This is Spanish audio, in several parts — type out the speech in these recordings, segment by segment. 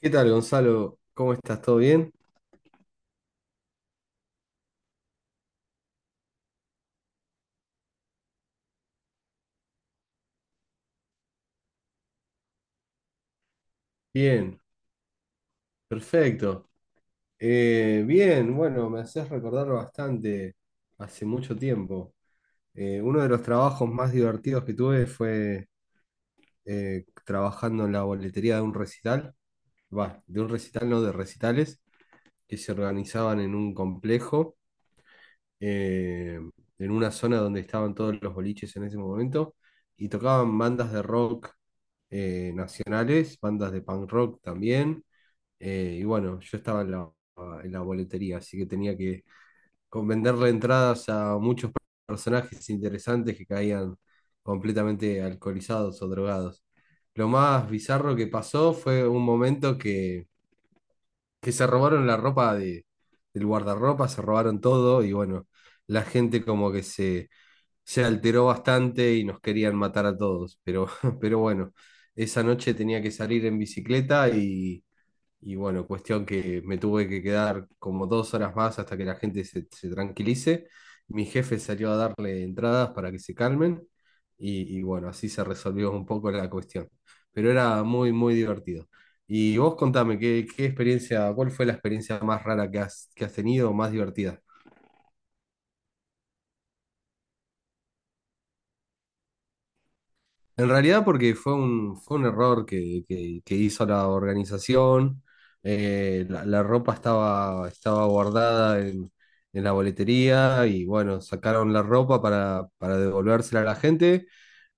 ¿Qué tal, Gonzalo? ¿Cómo estás? ¿Todo bien? Bien, perfecto. Bien, bueno, me haces recordar bastante hace mucho tiempo. Uno de los trabajos más divertidos que tuve fue trabajando en la boletería de un recital, va, de un recital, no de recitales, que se organizaban en un complejo, eh, en una zona donde estaban todos los boliches en ese momento, y tocaban bandas de rock nacionales, bandas de punk rock también. Y bueno, yo estaba en la boletería, así que tenía que venderle entradas a muchos personajes interesantes que caían completamente alcoholizados o drogados. Lo más bizarro que pasó fue un momento que se robaron la ropa del guardarropa, se robaron todo y bueno, la gente como que se alteró bastante y nos querían matar a todos, pero, pero bueno, esa noche tenía que salir en bicicleta y... Y bueno, cuestión que me tuve que quedar como dos horas más hasta que la gente se tranquilice. Mi jefe salió a darle entradas para que se calmen y bueno, así se resolvió un poco la cuestión. Pero era muy, muy divertido. Y vos contame, ¿qué experiencia, cuál fue la experiencia más rara que que has tenido o más divertida? En realidad porque fue fue un error que hizo la organización. La ropa estaba guardada en la boletería y bueno, sacaron la ropa para devolvérsela a la gente.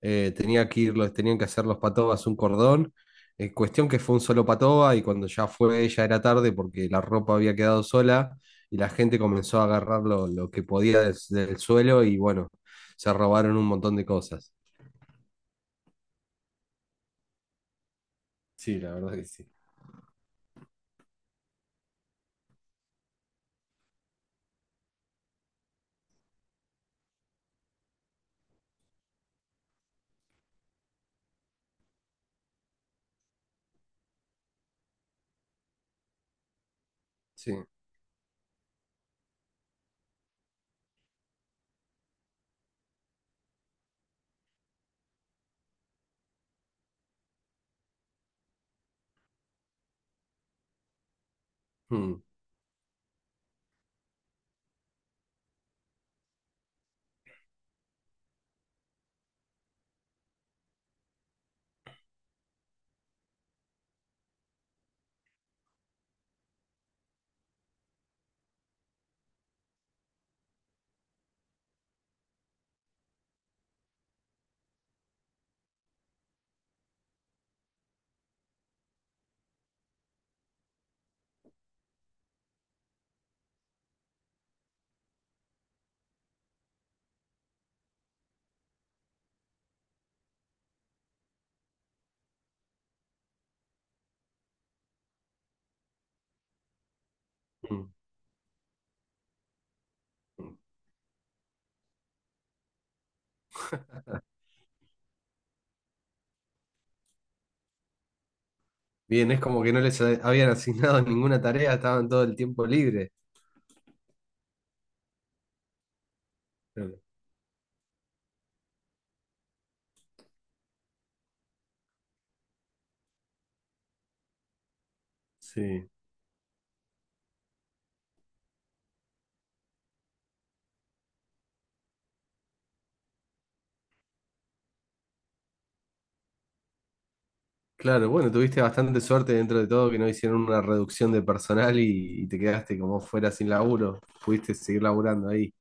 Tenía que ir, tenían que hacer los patobas un cordón. Cuestión que fue un solo patoba y cuando ya fue ya era tarde porque la ropa había quedado sola y la gente comenzó a agarrar lo que podía del suelo y bueno, se robaron un montón de cosas. Sí, la verdad que sí. Sí. Mm, mm, mm. Bien, es como que no les habían asignado ninguna tarea, estaban todo el tiempo libre. Claro. Sí. Claro, bueno, tuviste bastante suerte dentro de todo que no hicieron una reducción de personal y te quedaste como fuera sin laburo. Pudiste seguir laburando ahí.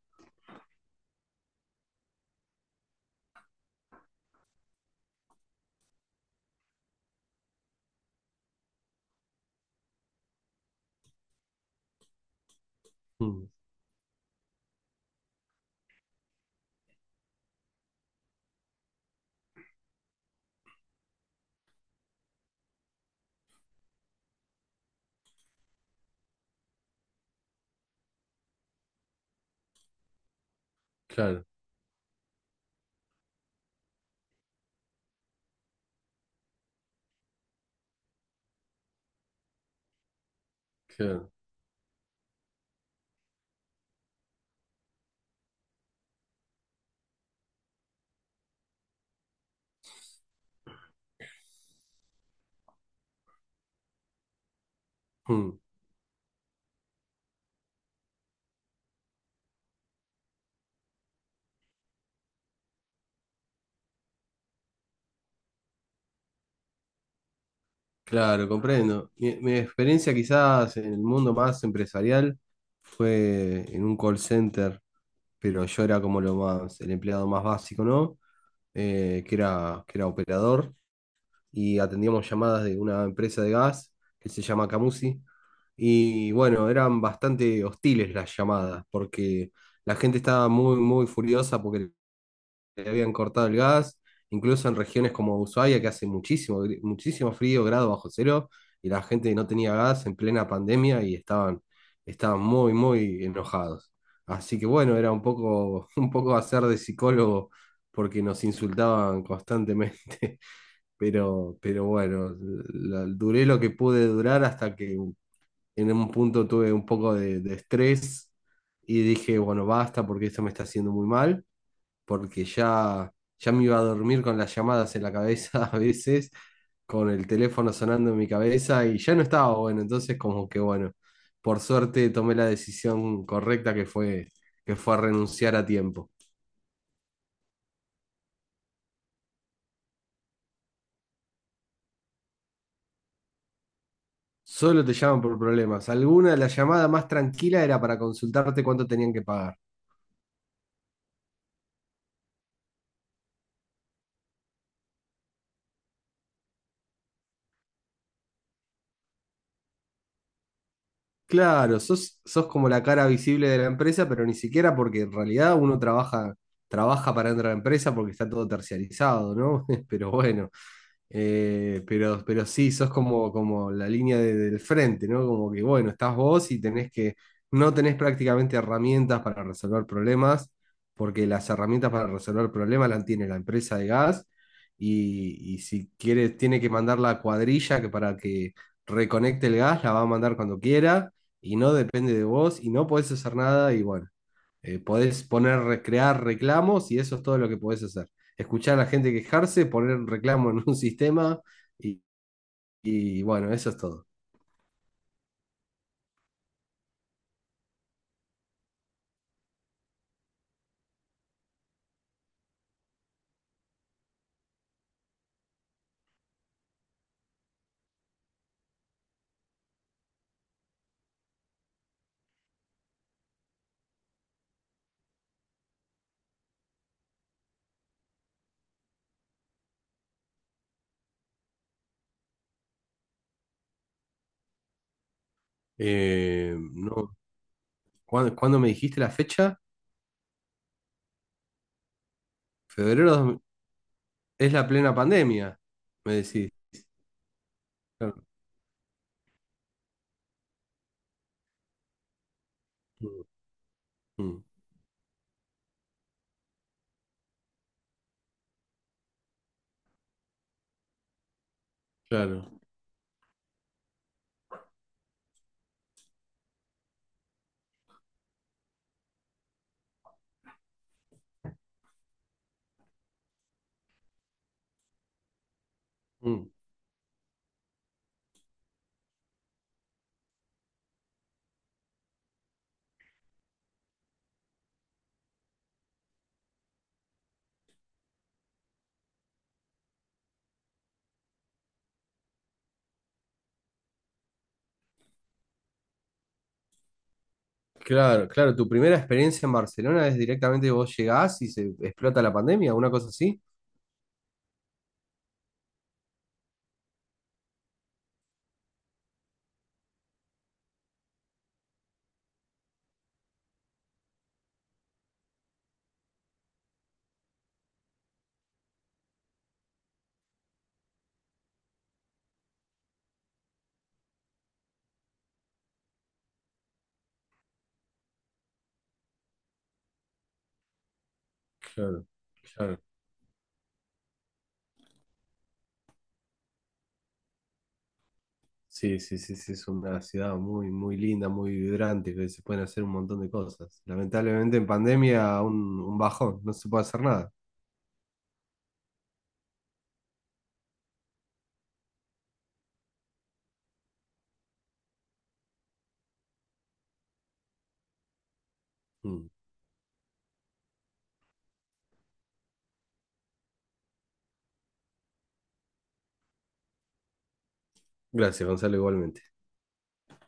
Mm. Claro, claro. Mm. Claro, comprendo. Mi experiencia quizás en el mundo más empresarial fue en un call center, pero yo era como lo más, el empleado más básico, ¿no? Que era operador, y atendíamos llamadas de una empresa de gas que se llama Camusi. Y bueno, eran bastante hostiles las llamadas, porque la gente estaba muy, muy furiosa porque le habían cortado el gas, incluso en regiones como Ushuaia, que hace muchísimo, muchísimo frío, grado bajo cero, y la gente no tenía gas en plena pandemia y estaban muy, muy enojados. Así que bueno, era un poco, un poco hacer de psicólogo porque nos insultaban constantemente, pero bueno, duré lo que pude durar hasta que en un punto tuve un poco de estrés y dije, bueno, basta porque esto me está haciendo muy mal porque ya, ya me iba a dormir con las llamadas en la cabeza a veces, con el teléfono sonando en mi cabeza y ya no estaba bueno, entonces como que bueno, por suerte tomé la decisión correcta que fue renunciar a tiempo. Solo te llaman por problemas. Alguna de las llamadas más tranquila era para consultarte cuánto tenían que pagar. Claro, sos como la cara visible de la empresa, pero ni siquiera porque en realidad uno trabaja para entrar a la empresa porque está todo terciarizado, ¿no? Pero bueno. Pero sí, sos como, como la línea del frente, ¿no? Como que, bueno, estás vos y tenés que, no tenés prácticamente herramientas para resolver problemas, porque las herramientas para resolver problemas las tiene la empresa de gas y si quiere, tiene que mandar la cuadrilla que para que reconecte el gas, la va a mandar cuando quiera y no depende de vos y no podés hacer nada y bueno. Podés poner, recrear reclamos y eso es todo lo que podés hacer. Escuchar a la gente quejarse, poner un reclamo en un sistema y, y bueno, eso es todo. No, ¿cuándo me dijiste la fecha? Febrero mil es la plena pandemia, me decís. Claro, mm, mm, claro, mm. Claro, claro, tu primera experiencia en Barcelona es directamente vos llegás y se explota la pandemia, una cosa así. Claro, claro. Sí, sí, sí, sí, es una ciudad muy, muy linda, muy vibrante, que se pueden hacer un montón de cosas. Lamentablemente en pandemia un bajón, no se puede hacer nada. Mm. Gracias, Gonzalo, igualmente.